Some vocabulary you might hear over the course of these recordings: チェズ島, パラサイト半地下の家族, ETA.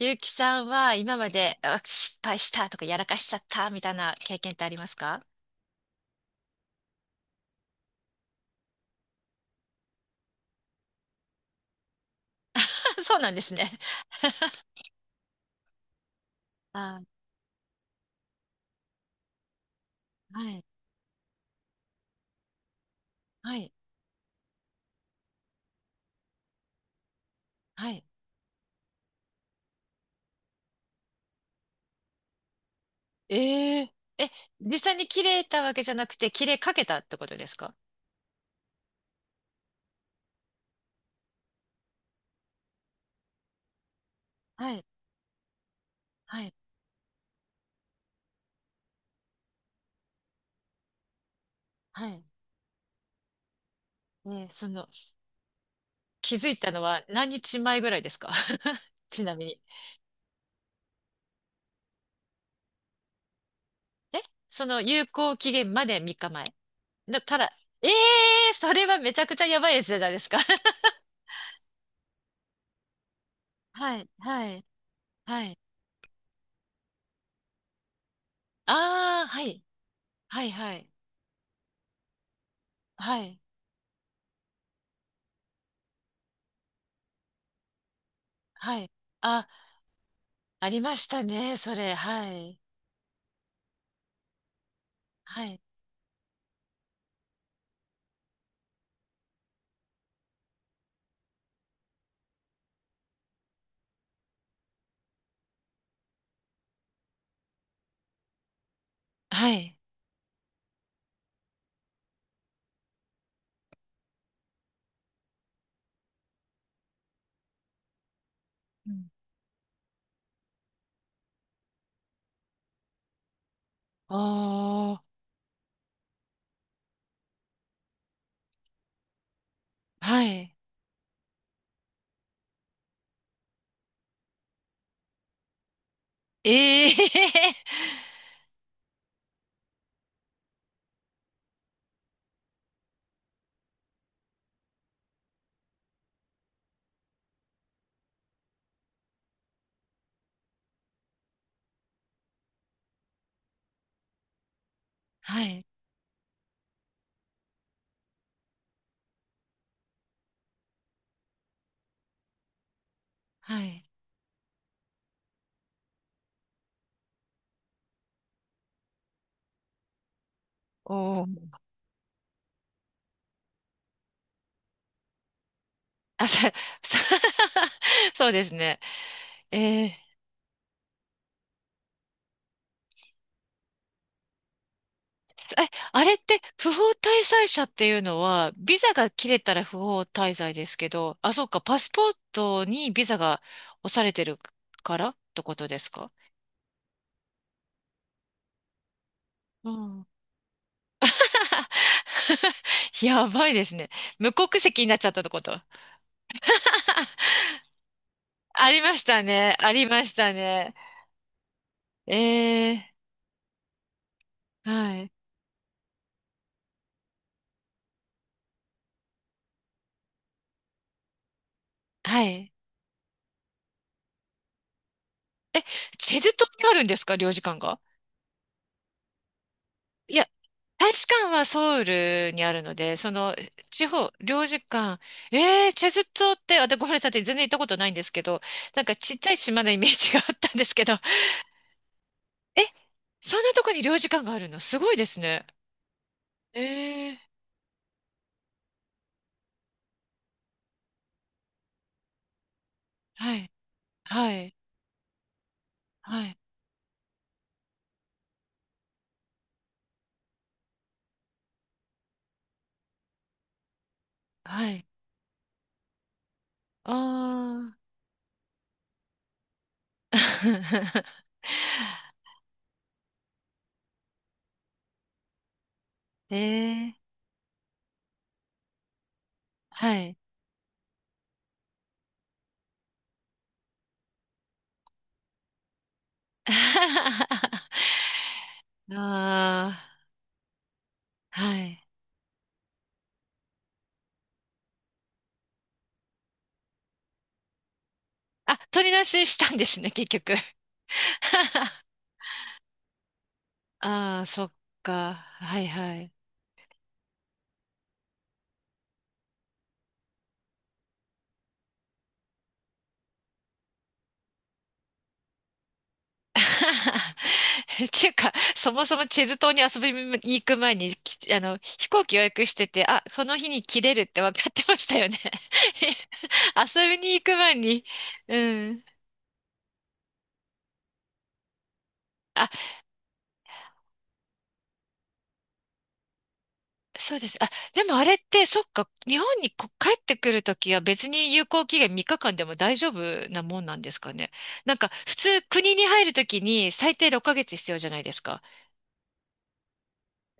ゆうきさんは今まで失敗したとかやらかしちゃったみたいな経験ってありますか？ そうなんですね。あ、はい、はい、はい。えええ、実際に切れたわけじゃなくて、切れかけたってことですか？はい、はい、はい。その、気づいたのは何日前ぐらいですか？ ちなみに。え、その有効期限まで3日前。だから、それはめちゃくちゃやばいやつじゃないですか。はい、はい、はい。ああ、はい。はいはい。はい。はい。あ、ありましたね、それ。はい。はい。はい。うん。おー。はい。ええ。 はい。はい。おー。あ、さ、さ そうですね。えー、あれって不法滞在者っていうのは、ビザが切れたら不法滞在ですけど、あ、そうか、パスポートにビザが押されてるからってことですか？うん。やばいですね。無国籍になっちゃったってこと。ありましたね。ありましたね。ええ。はい。はい。え、チェズ島にあるんですか領事館が？いや、大使館はソウルにあるので、その、地方、領事館。えー、チェズ島って、あ、でごめんなさい、全然行ったことないんですけど、なんかちっちゃい島のイメージがあったんですけど、え、そんなとこに領事館があるのすごいですね。えー、はい、はい、はい。はい。ああ。ええ。はい。ああ、はい。あ、取り出ししたんですね、結局。ああ、そっか。はいはい。っていうか、そもそもチェズ島に遊びに行く前に、あの、飛行機予約してて、あ、この日に切れるって分かってましたよね。遊びに行く前に、うん。そうです。あ、でもあれって、そっか、日本に帰ってくるときは別に有効期限3日間でも大丈夫なもんなんですかね。なんか、普通国に入るときに最低6ヶ月必要じゃないですか。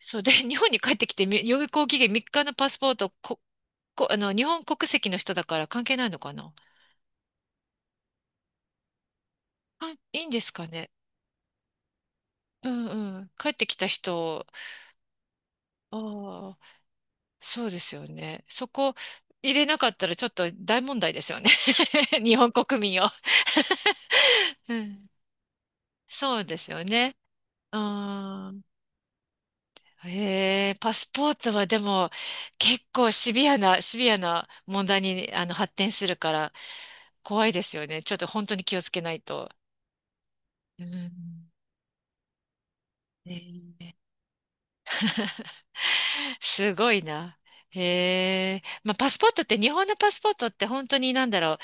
そうで、日本に帰ってきて有効期限3日のパスポート、あの、日本国籍の人だから関係ないのかな。あ、いいんですかね。うんうん。帰ってきた人、ああ、そうですよね。そこ入れなかったらちょっと大問題ですよね。日本国民を。そうですよね。うーん。へえ、パスポートはでも結構シビアな問題にあの発展するから怖いですよね。ちょっと本当に気をつけないと。うん。ね。 すごいな。へえ。まあ、パスポートって、日本のパスポートって本当になんだろう。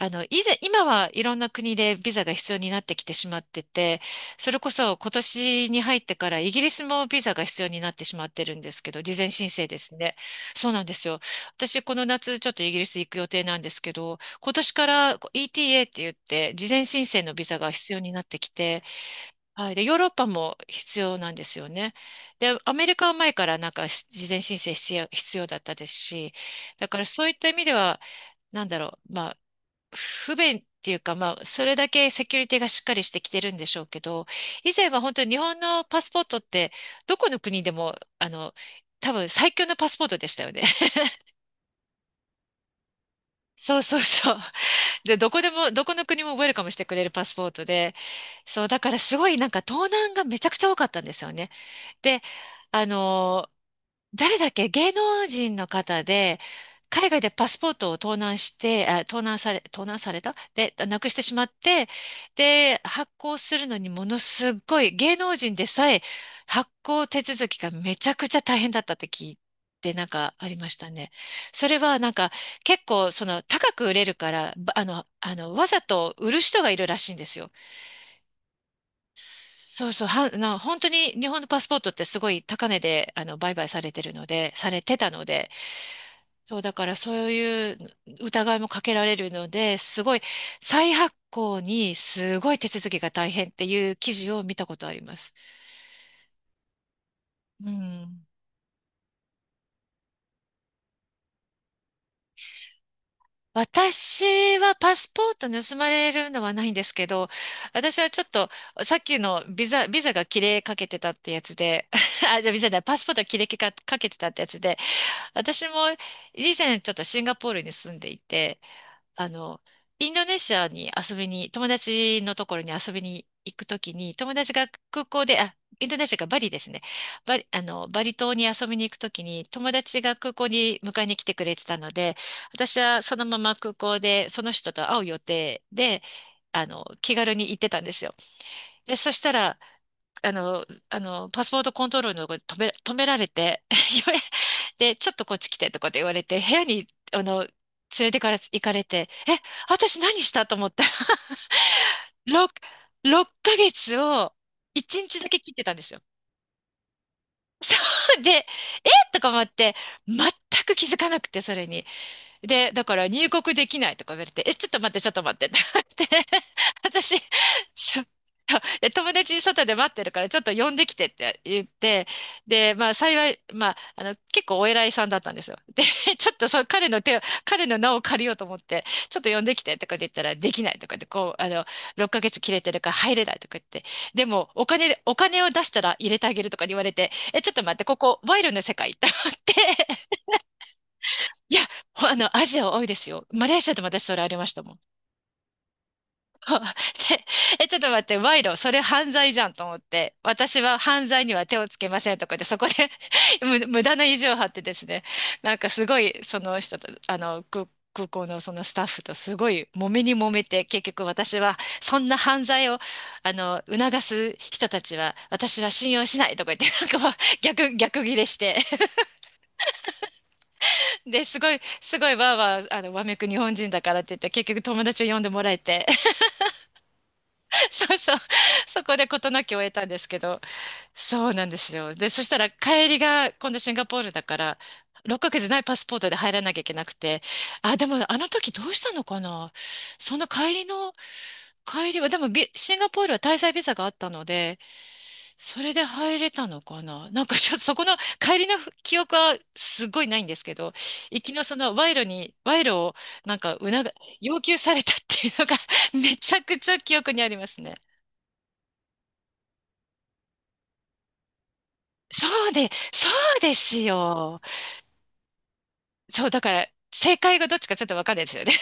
あの、以前、今はいろんな国でビザが必要になってきてしまってて、それこそ今年に入ってからイギリスもビザが必要になってしまってるんですけど、事前申請ですね。そうなんですよ。私、この夏ちょっとイギリス行く予定なんですけど、今年からこう ETA って言って、事前申請のビザが必要になってきて、はい。で、ヨーロッパも必要なんですよね。で、アメリカは前からなんか事前申請必要だったですし、だからそういった意味では、なんだろう、まあ、不便っていうか、まあ、それだけセキュリティがしっかりしてきてるんでしょうけど、以前は本当に日本のパスポートって、どこの国でも、あの、多分最強のパスポートでしたよね。そうそうそう。で、どこでも、どこの国もウェルカムしてくれるパスポートで、そう、だからすごいなんか盗難がめちゃくちゃ多かったんですよね。で、あの、誰だっけ、芸能人の方で、海外でパスポートを盗難して、盗難されたで、なくしてしまって、で、発行するのにものすっごい、芸能人でさえ発行手続きがめちゃくちゃ大変だったって聞いて、なんかありましたね。それはなんか結構その高く売れるから、あの、あの、わざと売る人がいるらしいんですよ。本当に日本のパスポートってすごい高値で、あの、売買されてるので、されてたので、そう、だからそういう疑いもかけられるので、すごい、再発行にすごい手続きが大変っていう記事を見たことあります。うん。私はパスポート盗まれるのはないんですけど、私はちょっと、さっきのビザ、ビザが切れかけてたってやつで、あ、じゃあビザだ、パスポートが切れかかけてたってやつで、私も以前ちょっとシンガポールに住んでいて、あの、インドネシアに遊びに、友達のところに遊びに行くときに、友達が空港で、あ、インドネシアがバリですね。バリ、あの、バリ島に遊びに行くときに、友達が空港に迎えに来てくれてたので、私はそのまま空港でその人と会う予定で、あの、気軽に行ってたんですよ。で、そしたら、あの、あの、パスポートコントロールのとこに止められて、で、ちょっとこっち来てとかって言われて、部屋に、あの、連れてから行かれて、え、私何したと思ったら、6、ヶ月を1日だけ切ってたんですよ。そうで、えとか思って、全く気づかなくて、それに。で、だから入国できないとか言われて、え、ちょっと待って、ちょっと待ってって言って 私、そうで友達外で待ってるからちょっと呼んできてって言って、で、まあ幸い、まあ、あの、結構お偉いさんだったんですよ。で、ちょっとそう、彼の名を借りようと思って、ちょっと呼んできてとかで言ったらできないとかで、こう、あの、6ヶ月切れてるから入れないとか言って、でもお金を出したら入れてあげるとか言われて、え、ちょっと待って、ここ、賄賂の世界って思っていや、あの、アジア多いですよ。マレーシアでも私それありましたもん。で、え、ちょっと待って、賄賂、それ犯罪じゃんと思って、私は犯罪には手をつけませんとかで、そこで 無駄な意地を張ってですね、なんかすごい、その人と、空港のそのスタッフとすごい揉めに揉めて、結局私は、そんな犯罪を、あの、促す人たちは、私は信用しないとか言って、なんかもう逆ギレしてで、すごいわーわー、あの、わめく日本人だからって言って、結局友達を呼んでもらえて、そうそう、そこで事なきを得たんですけど、そうなんですよ。で、そしたら帰りが、今度シンガポールだから、6ヶ月ないパスポートで入らなきゃいけなくて、あ、でもあの時どうしたのかなその帰りの、帰りは、でもシンガポールは滞在ビザがあったので、それで入れたのかななんかちょっとそこの帰りの記憶はすごいないんですけど、行きのその賄賂をなんか要求されたっていうのが めちゃくちゃ記憶にありますね。そうですよ。そう、だから正解がどっちかちょっとわかんないですよね。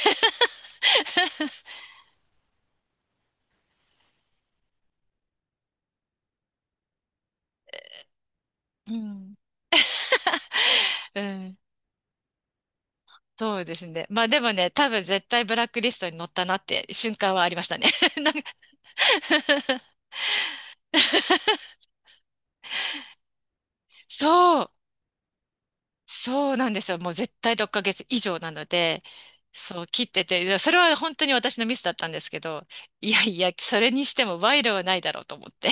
うん。うん。そうですね。まあでもね、多分絶対ブラックリストに載ったなって瞬間はありましたね。なんか そう。そうなんですよ。もう絶対6ヶ月以上なので、そう切ってて、いやそれは本当に私のミスだったんですけど、いやいや、それにしても賄賂はないだろうと思って。